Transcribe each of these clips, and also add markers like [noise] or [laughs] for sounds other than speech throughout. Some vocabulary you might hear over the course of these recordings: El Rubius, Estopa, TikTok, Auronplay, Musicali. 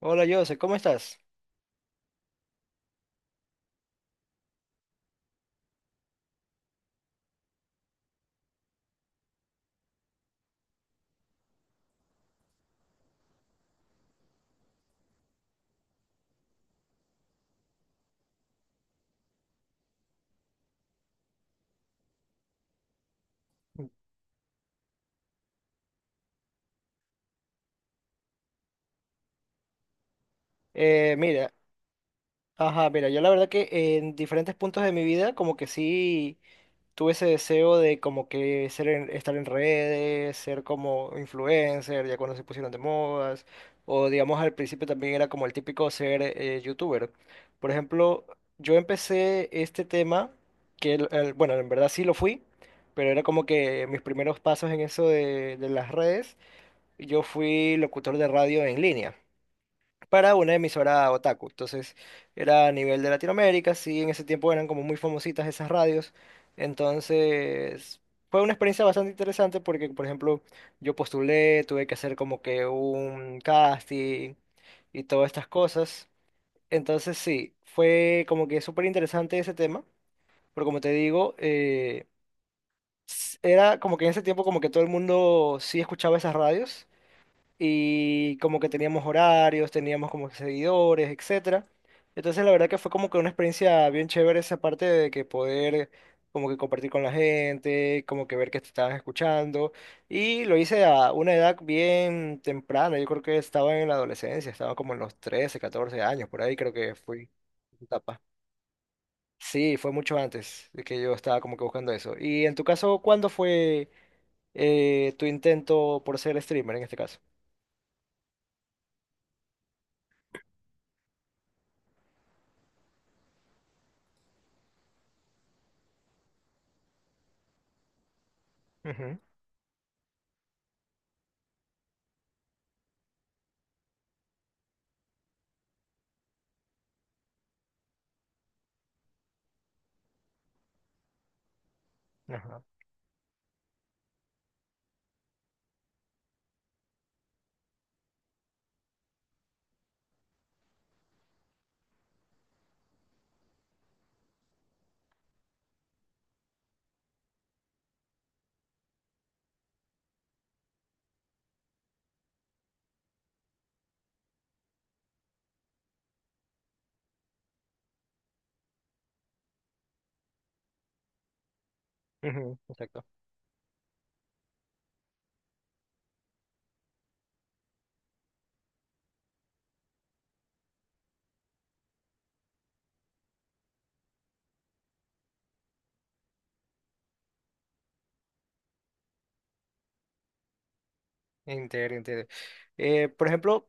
Hola Jose, ¿cómo estás? Mira, ajá, mira, yo la verdad que en diferentes puntos de mi vida como que sí tuve ese deseo de como que estar en redes, ser como influencer, ya cuando se pusieron de modas, o digamos al principio también era como el típico ser youtuber. Por ejemplo, yo empecé este tema, bueno, en verdad sí lo fui, pero era como que mis primeros pasos en eso de las redes, yo fui locutor de radio en línea, para una emisora otaku. Entonces era a nivel de Latinoamérica, sí, en ese tiempo eran como muy famositas esas radios. Entonces fue una experiencia bastante interesante porque, por ejemplo, yo postulé, tuve que hacer como que un casting y todas estas cosas. Entonces sí, fue como que súper interesante ese tema, pero como te digo, era como que en ese tiempo como que todo el mundo sí escuchaba esas radios y como que teníamos horarios, teníamos como que seguidores, etcétera. Entonces la verdad que fue como que una experiencia bien chévere esa parte de que poder como que compartir con la gente, como que ver que te estabas escuchando y lo hice a una edad bien temprana, yo creo que estaba en la adolescencia, estaba como en los 13 14 años, por ahí creo que fui esa etapa. Sí, fue mucho antes de que yo estaba como que buscando eso. Y en tu caso, ¿cuándo fue tu intento por ser streamer en este caso? Ujú, ajá. Ujú, exacto. Entiendo, entiendo. Por ejemplo,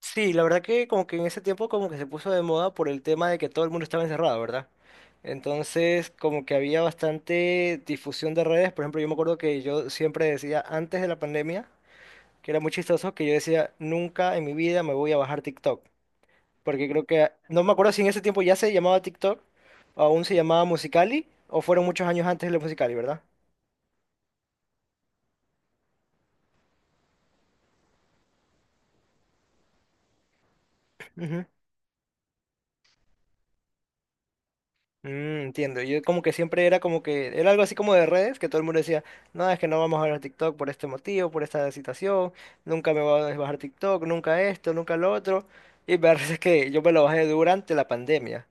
sí, la verdad que como que en ese tiempo como que se puso de moda por el tema de que todo el mundo estaba encerrado, ¿verdad? Entonces como que había bastante difusión de redes. Por ejemplo, yo me acuerdo que yo siempre decía antes de la pandemia, que era muy chistoso, que yo decía, nunca en mi vida me voy a bajar TikTok. Porque creo que, no me acuerdo si en ese tiempo ya se llamaba TikTok, o aún se llamaba Musicali, o fueron muchos años antes de la Musicali, ¿verdad? Ujú. Mm, entiendo. Yo como que siempre era como que era algo así como de redes, que todo el mundo decía, no, es que no vamos a ver TikTok por este motivo, por esta situación, nunca me voy a bajar TikTok, nunca esto, nunca lo otro. Y me parece [laughs] que yo me lo bajé durante la pandemia.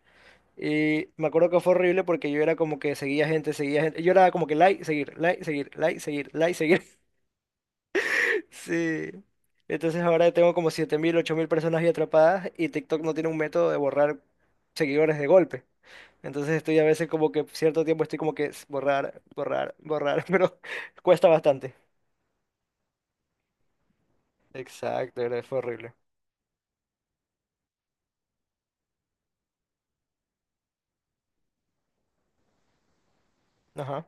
Y me acuerdo que fue horrible porque yo era como que seguía gente, seguía gente. Yo era como que like, seguir, like, seguir, like, seguir, like, seguir. [laughs] Sí. Entonces ahora tengo como 7000 8000 personas ahí atrapadas y TikTok no tiene un método de borrar seguidores de golpe. Entonces estoy a veces como que cierto tiempo estoy como que borrar, borrar, borrar, [laughs] pero cuesta bastante. Exacto, fue horrible. Ajá.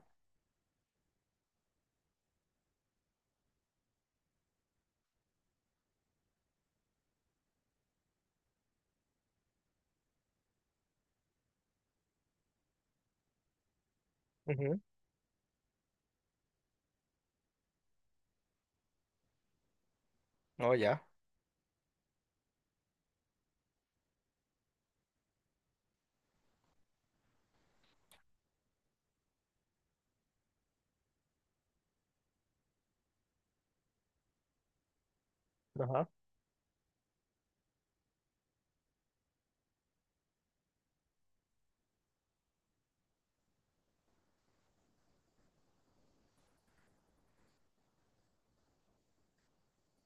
Ujú. No, ya. Ajá.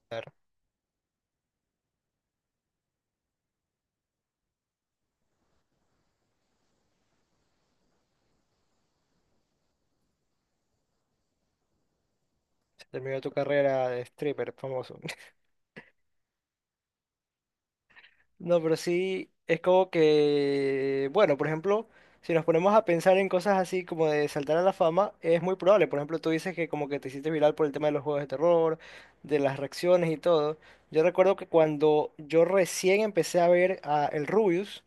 Claro. Se terminó tu carrera de stripper famoso. [laughs] No, pero sí, es como que, bueno, por ejemplo, si nos ponemos a pensar en cosas así como de saltar a la fama, es muy probable. Por ejemplo, tú dices que como que te hiciste viral por el tema de los juegos de terror, de las reacciones y todo. Yo recuerdo que cuando yo recién empecé a ver a El Rubius,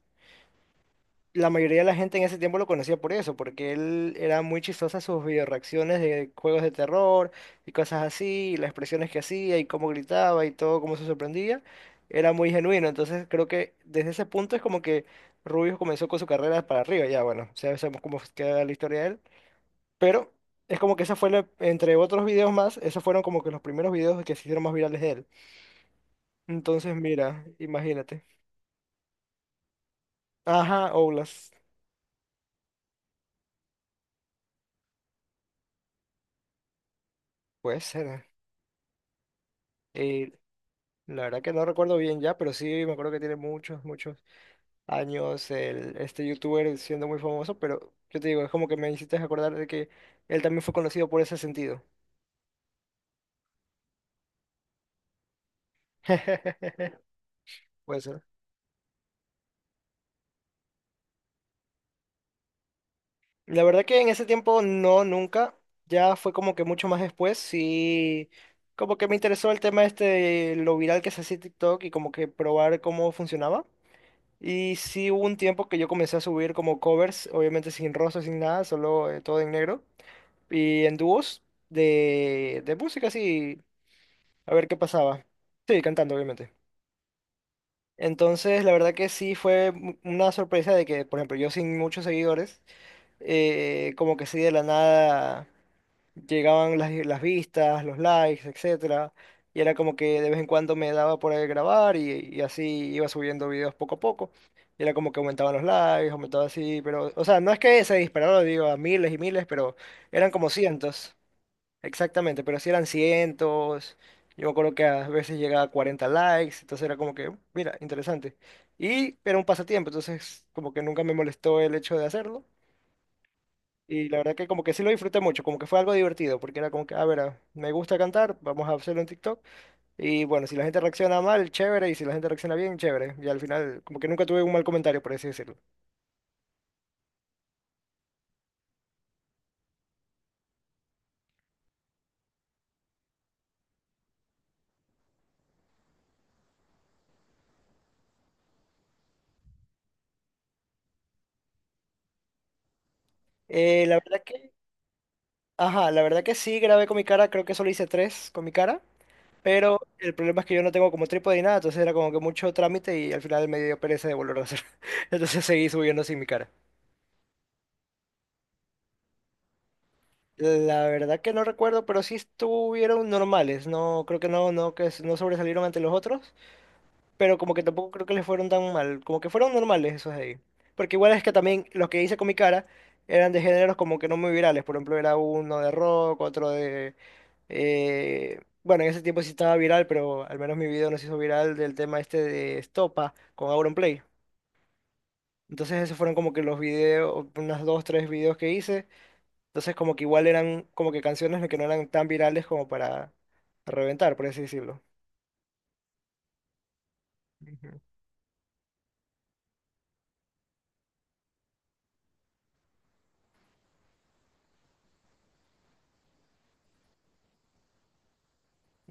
la mayoría de la gente en ese tiempo lo conocía por eso, porque él era muy chistoso en sus videoreacciones de juegos de terror y cosas así, y las expresiones que hacía y cómo gritaba y todo, cómo se sorprendía, era muy genuino. Entonces creo que desde ese punto es como que Rubius comenzó con su carrera para arriba, ya bueno, ya sabemos cómo queda la historia de él, pero es como que esa fue, entre otros videos más, esos fueron como que los primeros videos que se hicieron más virales de él. Entonces mira, imagínate. Ajá, Oulas, puede ser. Eh, La verdad que no recuerdo bien ya, pero sí me acuerdo que tiene muchos, muchos años el, este youtuber siendo muy famoso, pero yo te digo, es como que me hiciste acordar de que él también fue conocido por ese sentido. [laughs] Puede ser. La verdad que en ese tiempo no, nunca. Ya fue como que mucho más después. Sí, como que me interesó el tema este de lo viral que se hacía TikTok y como que probar cómo funcionaba. Y sí hubo un tiempo que yo comencé a subir como covers, obviamente sin rostro, sin nada, solo todo en negro. Y en dúos de música, sí, a ver qué pasaba. Sí, cantando, obviamente. Entonces, la verdad que sí fue una sorpresa de que, por ejemplo, yo sin muchos seguidores, como que sí de la nada llegaban las vistas, los likes, etcétera. Y era como que de vez en cuando me daba por ahí grabar y así iba subiendo videos poco a poco. Y era como que aumentaban los likes, aumentaba así, pero, o sea, no es que se dispararon, digo, a miles y miles, pero eran como cientos. Exactamente, pero si eran cientos, yo me acuerdo que a veces llegaba a 40 likes, entonces era como que, mira, interesante. Y era un pasatiempo, entonces como que nunca me molestó el hecho de hacerlo. Y la verdad que como que sí lo disfruté mucho, como que fue algo divertido, porque era como que, a ver, ah, me gusta cantar, vamos a hacerlo en TikTok. Y bueno, si la gente reacciona mal, chévere, y si la gente reacciona bien, chévere. Y al final como que nunca tuve un mal comentario, por así decirlo. Eh, la verdad que, ajá, la verdad que sí grabé con mi cara, creo que solo hice tres con mi cara. Pero el problema es que yo no tengo como trípode ni nada, entonces era como que mucho trámite y al final me dio pereza de volver a hacer. [laughs] Entonces seguí subiendo sin mi cara. La verdad que no recuerdo, pero sí estuvieron normales. No, creo que no, no, no sobresalieron ante los otros, pero como que tampoco creo que les fueron tan mal, como que fueron normales esos de ahí. Porque igual es que también los que hice con mi cara eran de géneros como que no muy virales, por ejemplo era uno de rock, otro de... bueno, en ese tiempo sí estaba viral, pero al menos mi video no se hizo viral del tema este de Estopa con Auronplay. Entonces esos fueron como que los videos, unas dos, tres videos que hice. Entonces como que igual eran como que canciones que no eran tan virales como para reventar, por así decirlo. Ujú.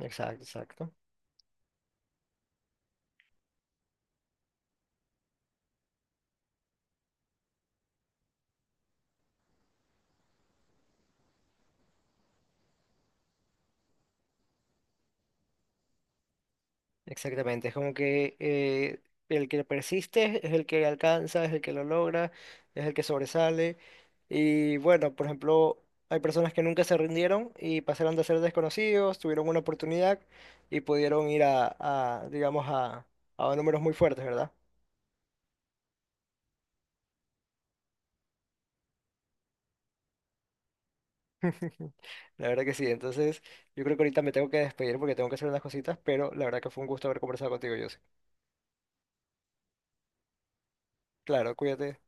Exacto, exacto. Exactamente, es como que el que persiste es el que alcanza, es el que lo logra, es el que sobresale. Y bueno, por ejemplo, hay personas que nunca se rindieron y pasaron de ser desconocidos, tuvieron una oportunidad y pudieron ir digamos, a números muy fuertes, ¿verdad? [laughs] La verdad que sí. Entonces, yo creo que ahorita me tengo que despedir porque tengo que hacer unas cositas, pero la verdad que fue un gusto haber conversado contigo, José. Claro, cuídate.